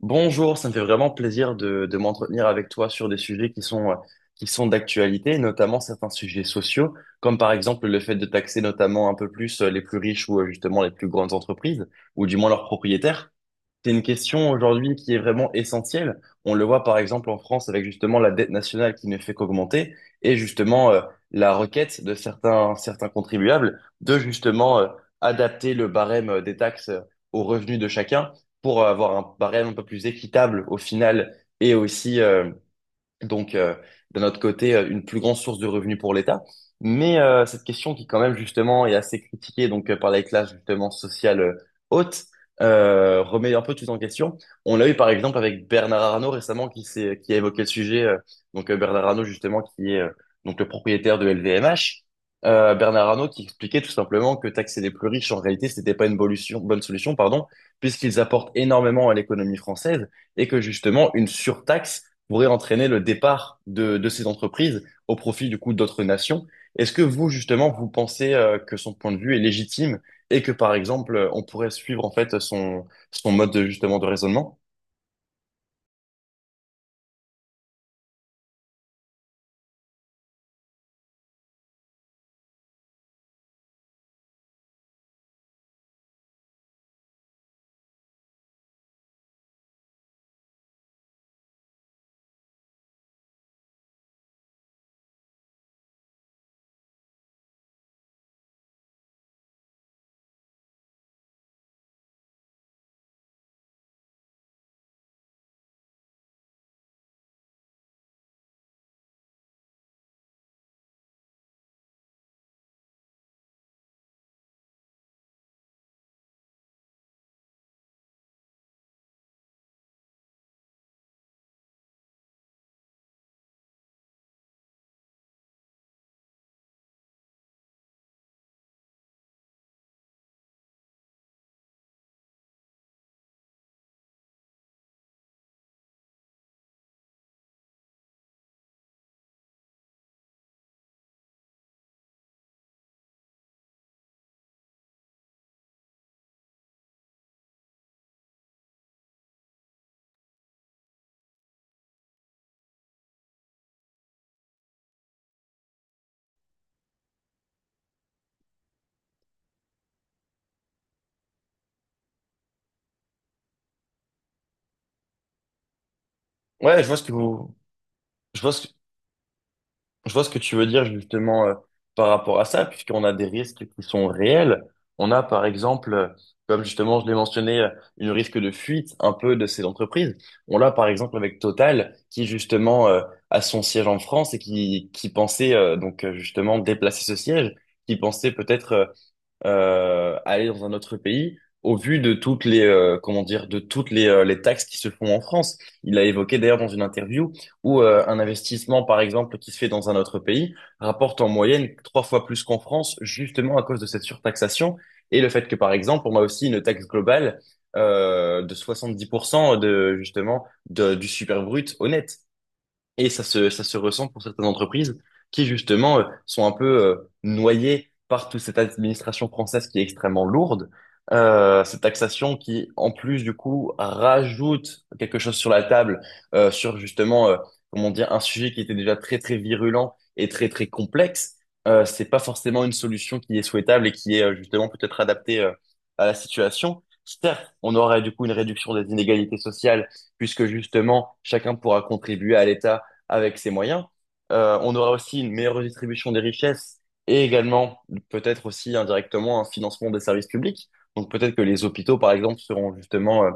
Bonjour, ça me fait vraiment plaisir de m'entretenir avec toi sur des sujets qui sont d'actualité, notamment certains sujets sociaux, comme par exemple le fait de taxer notamment un peu plus les plus riches ou justement les plus grandes entreprises, ou du moins leurs propriétaires. C'est une question aujourd'hui qui est vraiment essentielle. On le voit par exemple en France avec justement la dette nationale qui ne fait qu'augmenter et justement la requête de certains contribuables de justement adapter le barème des taxes aux revenus de chacun pour avoir un barème un peu plus équitable au final et aussi donc, euh, d'un autre côté, une plus grande source de revenus pour l'État. Cette question qui, quand même, justement, est assez critiquée par les classes justement sociales hautes, remet un peu tout en question. On l'a eu par exemple avec Bernard Arnault récemment qui a évoqué le sujet. Bernard Arnault justement qui est donc le propriétaire de LVMH. Bernard Arnault qui expliquait tout simplement que taxer les plus riches en réalité c'était pas une bonne solution pardon puisqu'ils apportent énormément à l'économie française et que justement une surtaxe pourrait entraîner le départ de ces entreprises au profit du coup d'autres nations. Est-ce que vous, justement, vous pensez que son point de vue est légitime et que, par exemple, on pourrait suivre en fait son, son mode de, justement de raisonnement? Ouais, je vois ce que vous, je vois ce, je vois ce que tu veux dire justement par rapport à ça, puisqu'on a des risques qui sont réels. On a par exemple, comme justement je l'ai mentionné, une risque de fuite un peu de ces entreprises. On l'a par exemple avec Total, qui justement a son siège en France et qui pensait justement déplacer ce siège, qui pensait peut-être aller dans un autre pays au vu de toutes les comment dire de toutes les taxes qui se font en France. Il a évoqué d'ailleurs dans une interview où un investissement par exemple qui se fait dans un autre pays rapporte en moyenne trois fois plus qu'en France justement à cause de cette surtaxation et le fait que par exemple on a aussi une taxe globale de 70% de justement du super brut honnête et ça se ressent pour certaines entreprises qui, justement, sont un peu noyées par toute cette administration française qui est extrêmement lourde, cette taxation qui, en plus, du coup, rajoute quelque chose sur la table euh, sur, justement, euh, comment dire, un sujet qui était déjà très, très virulent et très, très complexe. C'est pas forcément une solution qui est souhaitable et qui est, justement, peut-être adaptée à la situation. Certes, on aurait, du coup, une réduction des inégalités sociales puisque, justement, chacun pourra contribuer à l'État avec ses moyens. On aura aussi une meilleure redistribution des richesses et également peut-être aussi indirectement un financement des services publics. Donc peut-être que les hôpitaux, par exemple, seront justement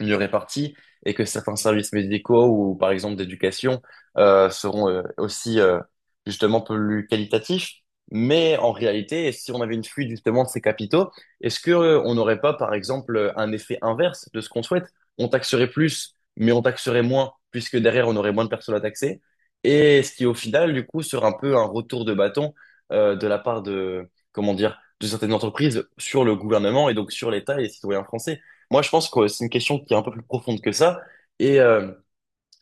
mieux répartis et que certains services médicaux ou par exemple d'éducation seront aussi justement plus qualitatifs. Mais en réalité, si on avait une fuite justement de ces capitaux, est-ce que on n'aurait pas par exemple un effet inverse de ce qu'on souhaite? On taxerait plus, mais on taxerait moins puisque derrière on aurait moins de personnes à taxer. Et ce qui au final du coup sera un peu un retour de bâton de la part de comment dire de certaines entreprises sur le gouvernement et donc sur l'État et les citoyens français. Moi, je pense que c'est une question qui est un peu plus profonde que ça, et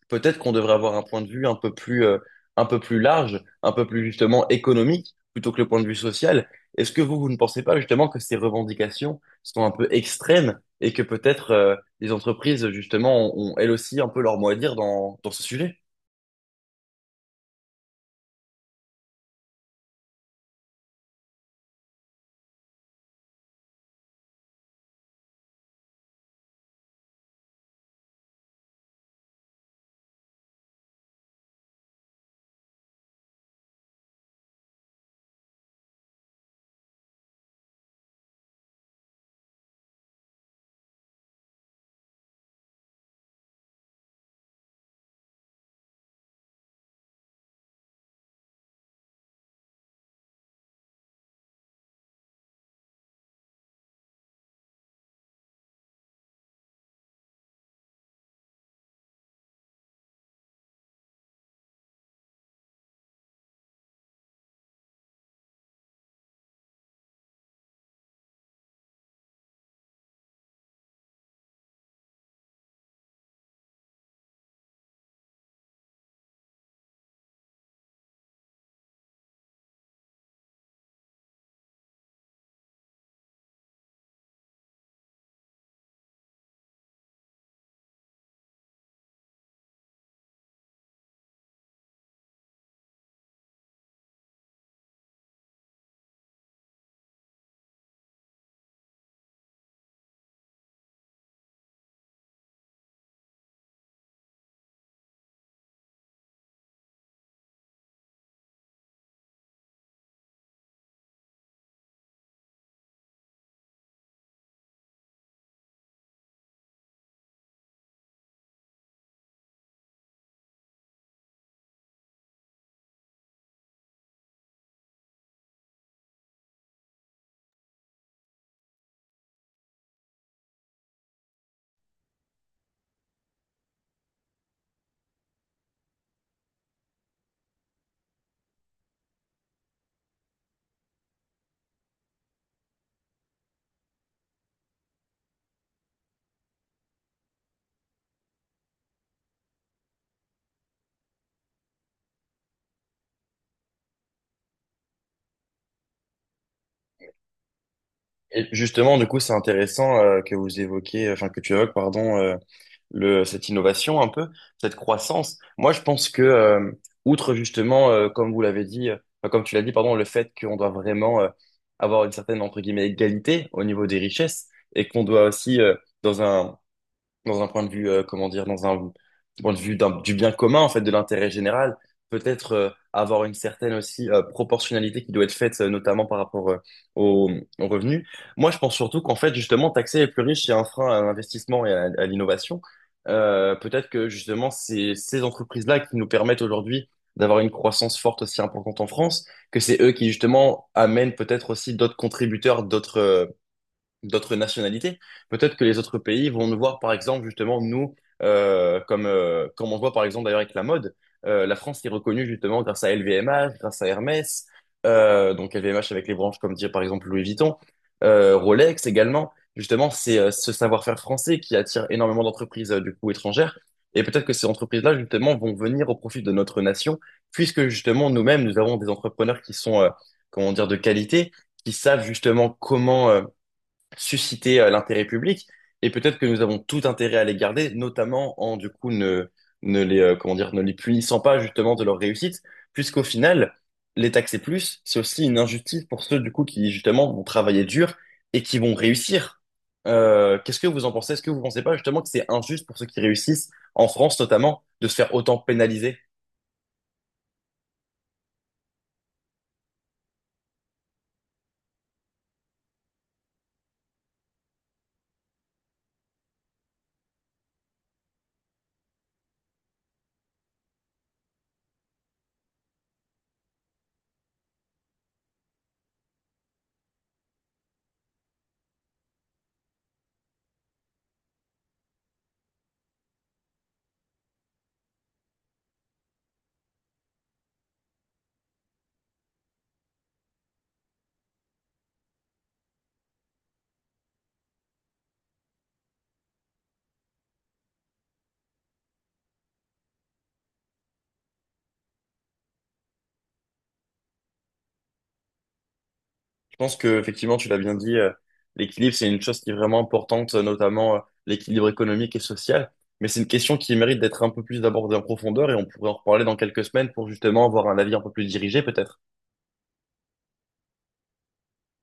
peut-être qu'on devrait avoir un point de vue un peu plus large, un peu plus justement économique, plutôt que le point de vue social. Est-ce que vous, vous ne pensez pas justement que ces revendications sont un peu extrêmes et que peut-être les entreprises justement ont, ont elles aussi un peu leur mot à dire dans, dans ce sujet? Et justement, du coup, c'est intéressant que vous évoquiez, enfin que tu évoques, pardon, le, cette innovation un peu, cette croissance. Moi, je pense que, outre justement, comme vous l'avez dit, enfin, comme tu l'as dit, pardon, le fait qu'on doit vraiment avoir une certaine, entre guillemets, égalité au niveau des richesses et qu'on doit aussi, dans un, dans un point de vue, comment dire, dans un point de vue du bien commun, en fait, de l'intérêt général, peut-être avoir une certaine aussi proportionnalité qui doit être faite, notamment par rapport aux, aux revenus. Moi, je pense surtout qu'en fait, justement, taxer les plus riches, c'est un frein à l'investissement et à l'innovation. Peut-être que justement, c'est ces entreprises-là qui nous permettent aujourd'hui d'avoir une croissance forte aussi importante en France, que c'est eux qui justement amènent peut-être aussi d'autres contributeurs, d'autres d'autres nationalités. Peut-être que les autres pays vont nous voir, par exemple, justement, nous, comme, comme on voit, par exemple, d'ailleurs, avec la mode. La France est reconnue, justement, grâce à LVMH, grâce à Hermès, donc LVMH avec les branches, comme dire, par exemple, Louis Vuitton, Rolex également. Justement, c'est ce savoir-faire français qui attire énormément d'entreprises, du coup, étrangères. Et peut-être que ces entreprises-là, justement, vont venir au profit de notre nation, puisque, justement, nous-mêmes, nous avons des entrepreneurs qui sont, comment dire, de qualité, qui savent, justement, comment susciter l'intérêt public et peut-être que nous avons tout intérêt à les garder, notamment en du coup ne, ne les comment dire ne les punissant pas justement de leur réussite, puisqu'au final les taxer plus, c'est aussi une injustice pour ceux du coup qui justement vont travailler dur et qui vont réussir. Qu'est-ce que vous en pensez? Est-ce que vous pensez pas justement que c'est injuste pour ceux qui réussissent en France notamment de se faire autant pénaliser? Je pense que effectivement, tu l'as bien dit, l'équilibre, c'est une chose qui est vraiment importante, notamment l'équilibre économique et social. Mais c'est une question qui mérite d'être un peu plus abordée en profondeur et on pourrait en reparler dans quelques semaines pour justement avoir un avis un peu plus dirigé, peut-être.